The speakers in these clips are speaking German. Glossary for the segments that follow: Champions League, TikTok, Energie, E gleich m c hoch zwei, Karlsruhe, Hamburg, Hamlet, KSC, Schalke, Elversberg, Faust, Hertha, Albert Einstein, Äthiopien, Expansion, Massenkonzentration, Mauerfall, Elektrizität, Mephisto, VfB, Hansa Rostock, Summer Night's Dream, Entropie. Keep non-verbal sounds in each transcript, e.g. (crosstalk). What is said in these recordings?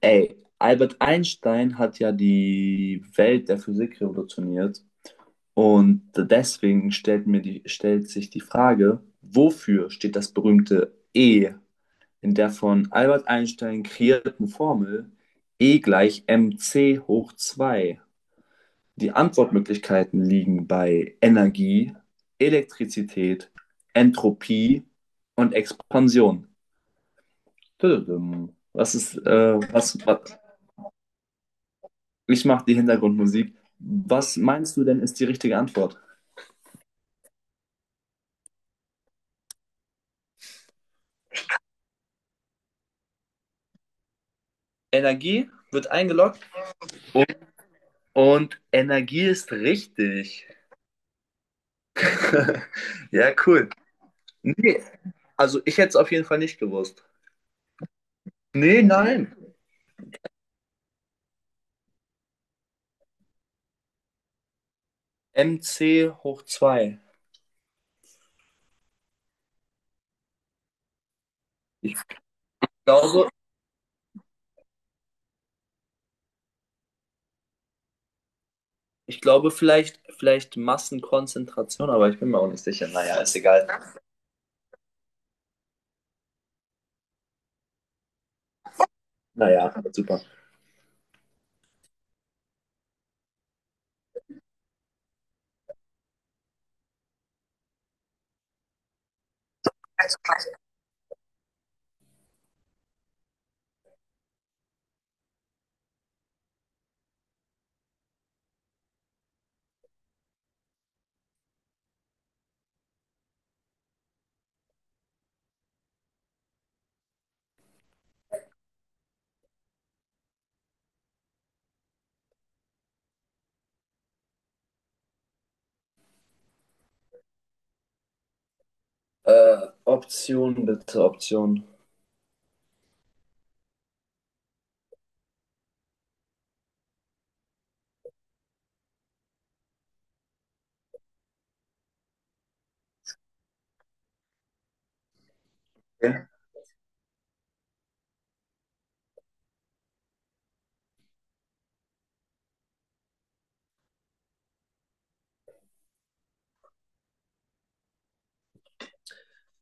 Ey, Albert Einstein hat ja die Welt der Physik revolutioniert, und deswegen stellt sich die Frage, wofür steht das berühmte E in der von Albert Einstein kreierten Formel E gleich m c hoch zwei? Die Antwortmöglichkeiten liegen bei Energie, Elektrizität, Entropie und Expansion. Tudum. Was ist, was? Ich mache die Hintergrundmusik. Was meinst du denn, ist die richtige Antwort? Energie wird eingeloggt. Und, und Energie ist richtig. (laughs) Ja, cool. Nee, also ich hätte es auf jeden Fall nicht gewusst. Nee, nein. MC hoch 2. Ich glaube, ich glaube vielleicht Massenkonzentration, aber ich bin mir auch nicht sicher. Naja, ist egal. Naja, super. Option bitte, Option. Ja.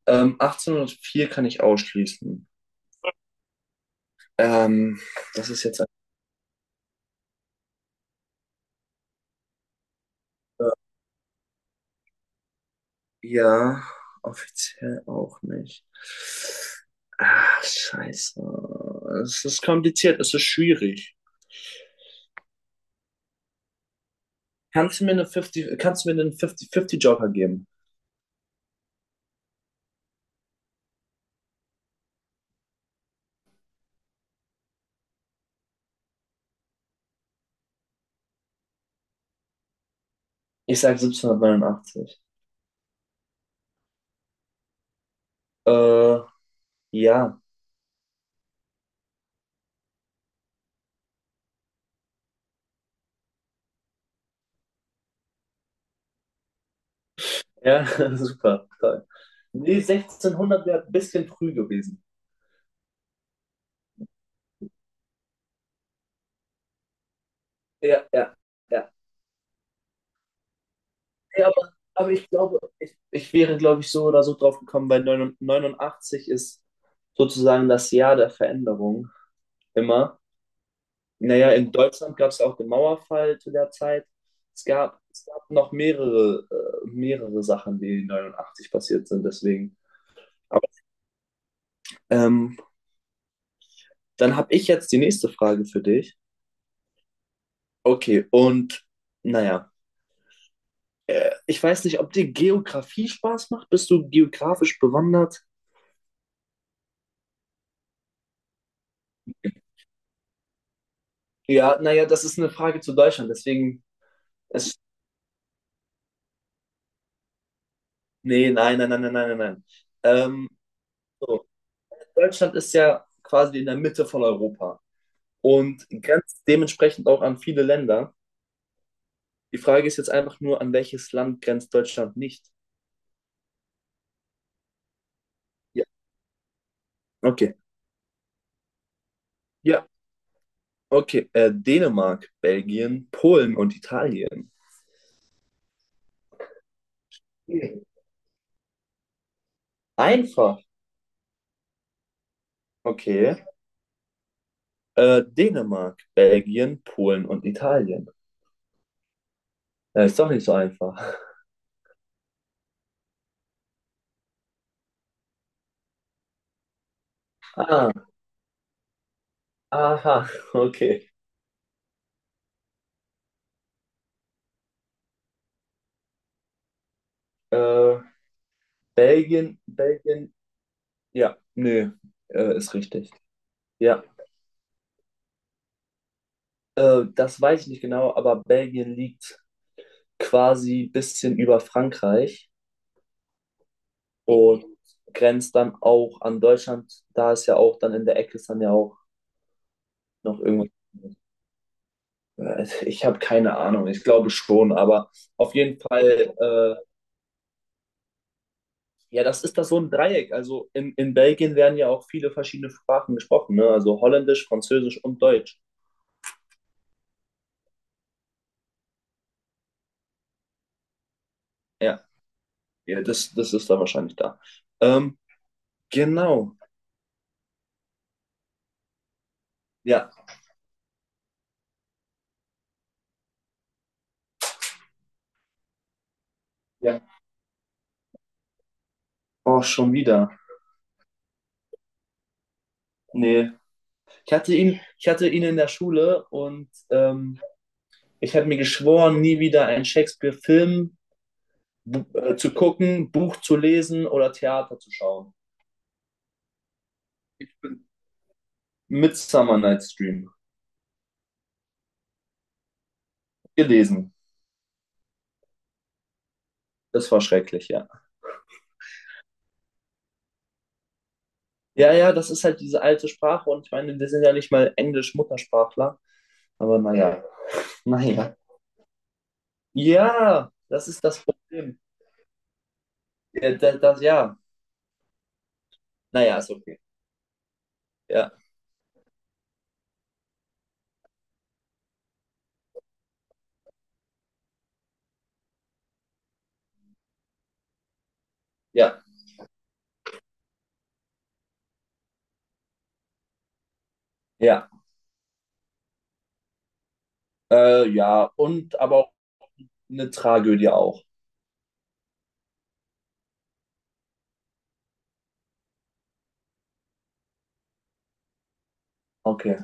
1804 kann ich ausschließen. Ähm, Das ist jetzt ein Bier. Offiziell auch nicht. Ah, scheiße. Es ist kompliziert, es ist schwierig. Kannst du mir einen 50/50 Joker geben? Ich sag 1789. Äh, ja. Ja, (laughs) super. Toll. Nee, 1600 wäre ein bisschen früh gewesen. Ja, ja, ja. Ja, aber ich glaube, ich wäre, glaube ich, so oder so drauf gekommen, weil 89 ist sozusagen das Jahr der Veränderung immer. Naja, in Deutschland gab es auch den Mauerfall zu der Zeit. Es gab noch mehrere Sachen, die 89 passiert sind, deswegen. Aber, ähm, dann habe ich jetzt die nächste Frage für dich. Okay, und naja, ich weiß nicht, ob dir Geografie Spaß macht. Bist du geografisch bewandert? Ja, naja, das ist eine Frage zu Deutschland, deswegen, es, nee, nein, nein, nein, nein, nein, nein, nein. Ähm, so, Deutschland ist ja quasi in der Mitte von Europa und grenzt dementsprechend auch an viele Länder. Die Frage ist jetzt einfach nur, an welches Land grenzt Deutschland nicht? Ja, okay. Ja, okay. Dänemark, Belgien, Polen und Italien. Mhm. Einfach. Okay. Dänemark, Belgien, Polen und Italien. Ist doch nicht so einfach. (laughs) Ah, aha, okay. Äh, Belgien, Belgien, ja, nö, ist richtig. Ja, das weiß ich nicht genau, aber Belgien liegt quasi ein bisschen über Frankreich und grenzt dann auch an Deutschland. Da ist ja auch dann in der Ecke ist dann ja auch noch irgendwas. Ich habe keine Ahnung, ich glaube schon, aber auf jeden Fall, ja, das ist das so ein Dreieck. Also in Belgien werden ja auch viele verschiedene Sprachen gesprochen, ne? Also Holländisch, Französisch und Deutsch. Ja. Ja, das ist da wahrscheinlich da. Ähm, genau. Ja. Ja. Oh, schon wieder. Nee. Ich hatte ihn in der Schule, und ich habe mir geschworen, nie wieder einen Shakespeare-Film zu gucken, Buch zu lesen oder Theater zu schauen. Mit Summer Night's Dream gelesen. Das war schrecklich, ja. Ja, ja, das ist halt diese alte Sprache, und ich meine, wir sind ja nicht mal Englisch-Muttersprachler, aber naja, naja. Ja, das ist das Problem. Ja, das, ja. Naja, ist okay. Ja, ja, ja. Ja, und aber auch eine Tragödie auch. Okay.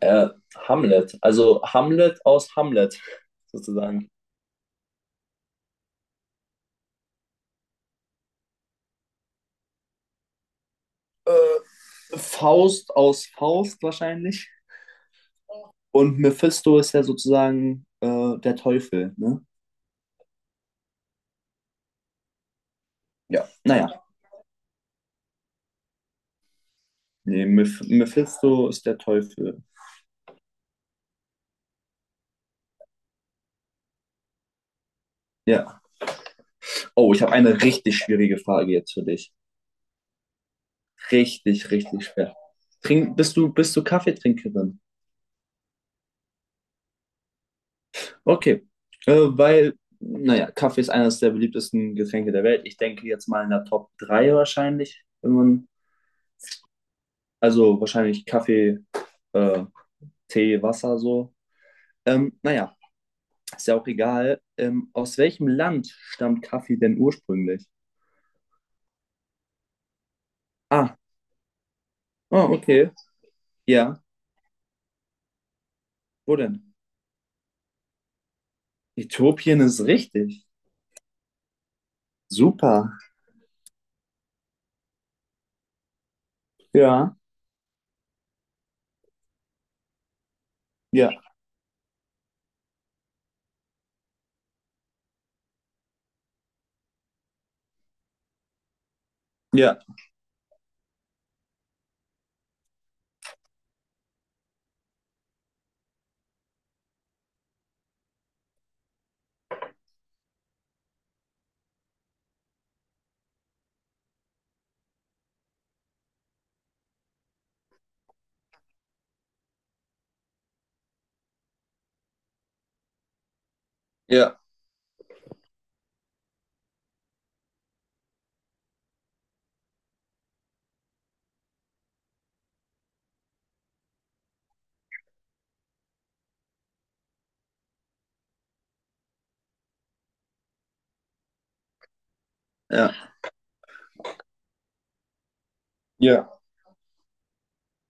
Äh, Hamlet. Also Hamlet aus Hamlet, (laughs) sozusagen. Äh, Faust aus Faust wahrscheinlich. Und Mephisto ist ja sozusagen der Teufel, ne? Ja. Naja. Nee, Mephisto ist der Teufel. Ja. Oh, ich habe eine richtig schwierige Frage jetzt für dich. Richtig, richtig schwer. Bist du Kaffeetrinkerin? Okay, weil, naja, Kaffee ist eines der beliebtesten Getränke der Welt. Ich denke jetzt mal in der Top 3 wahrscheinlich, wenn man, also wahrscheinlich Kaffee, äh, Tee, Wasser so. Naja, ist ja auch egal. Aus welchem Land stammt Kaffee denn ursprünglich? Ah, oh, okay. Ja, wo denn? Äthiopien ist richtig. Super. Ja, ja, ja, ja, ja, ja.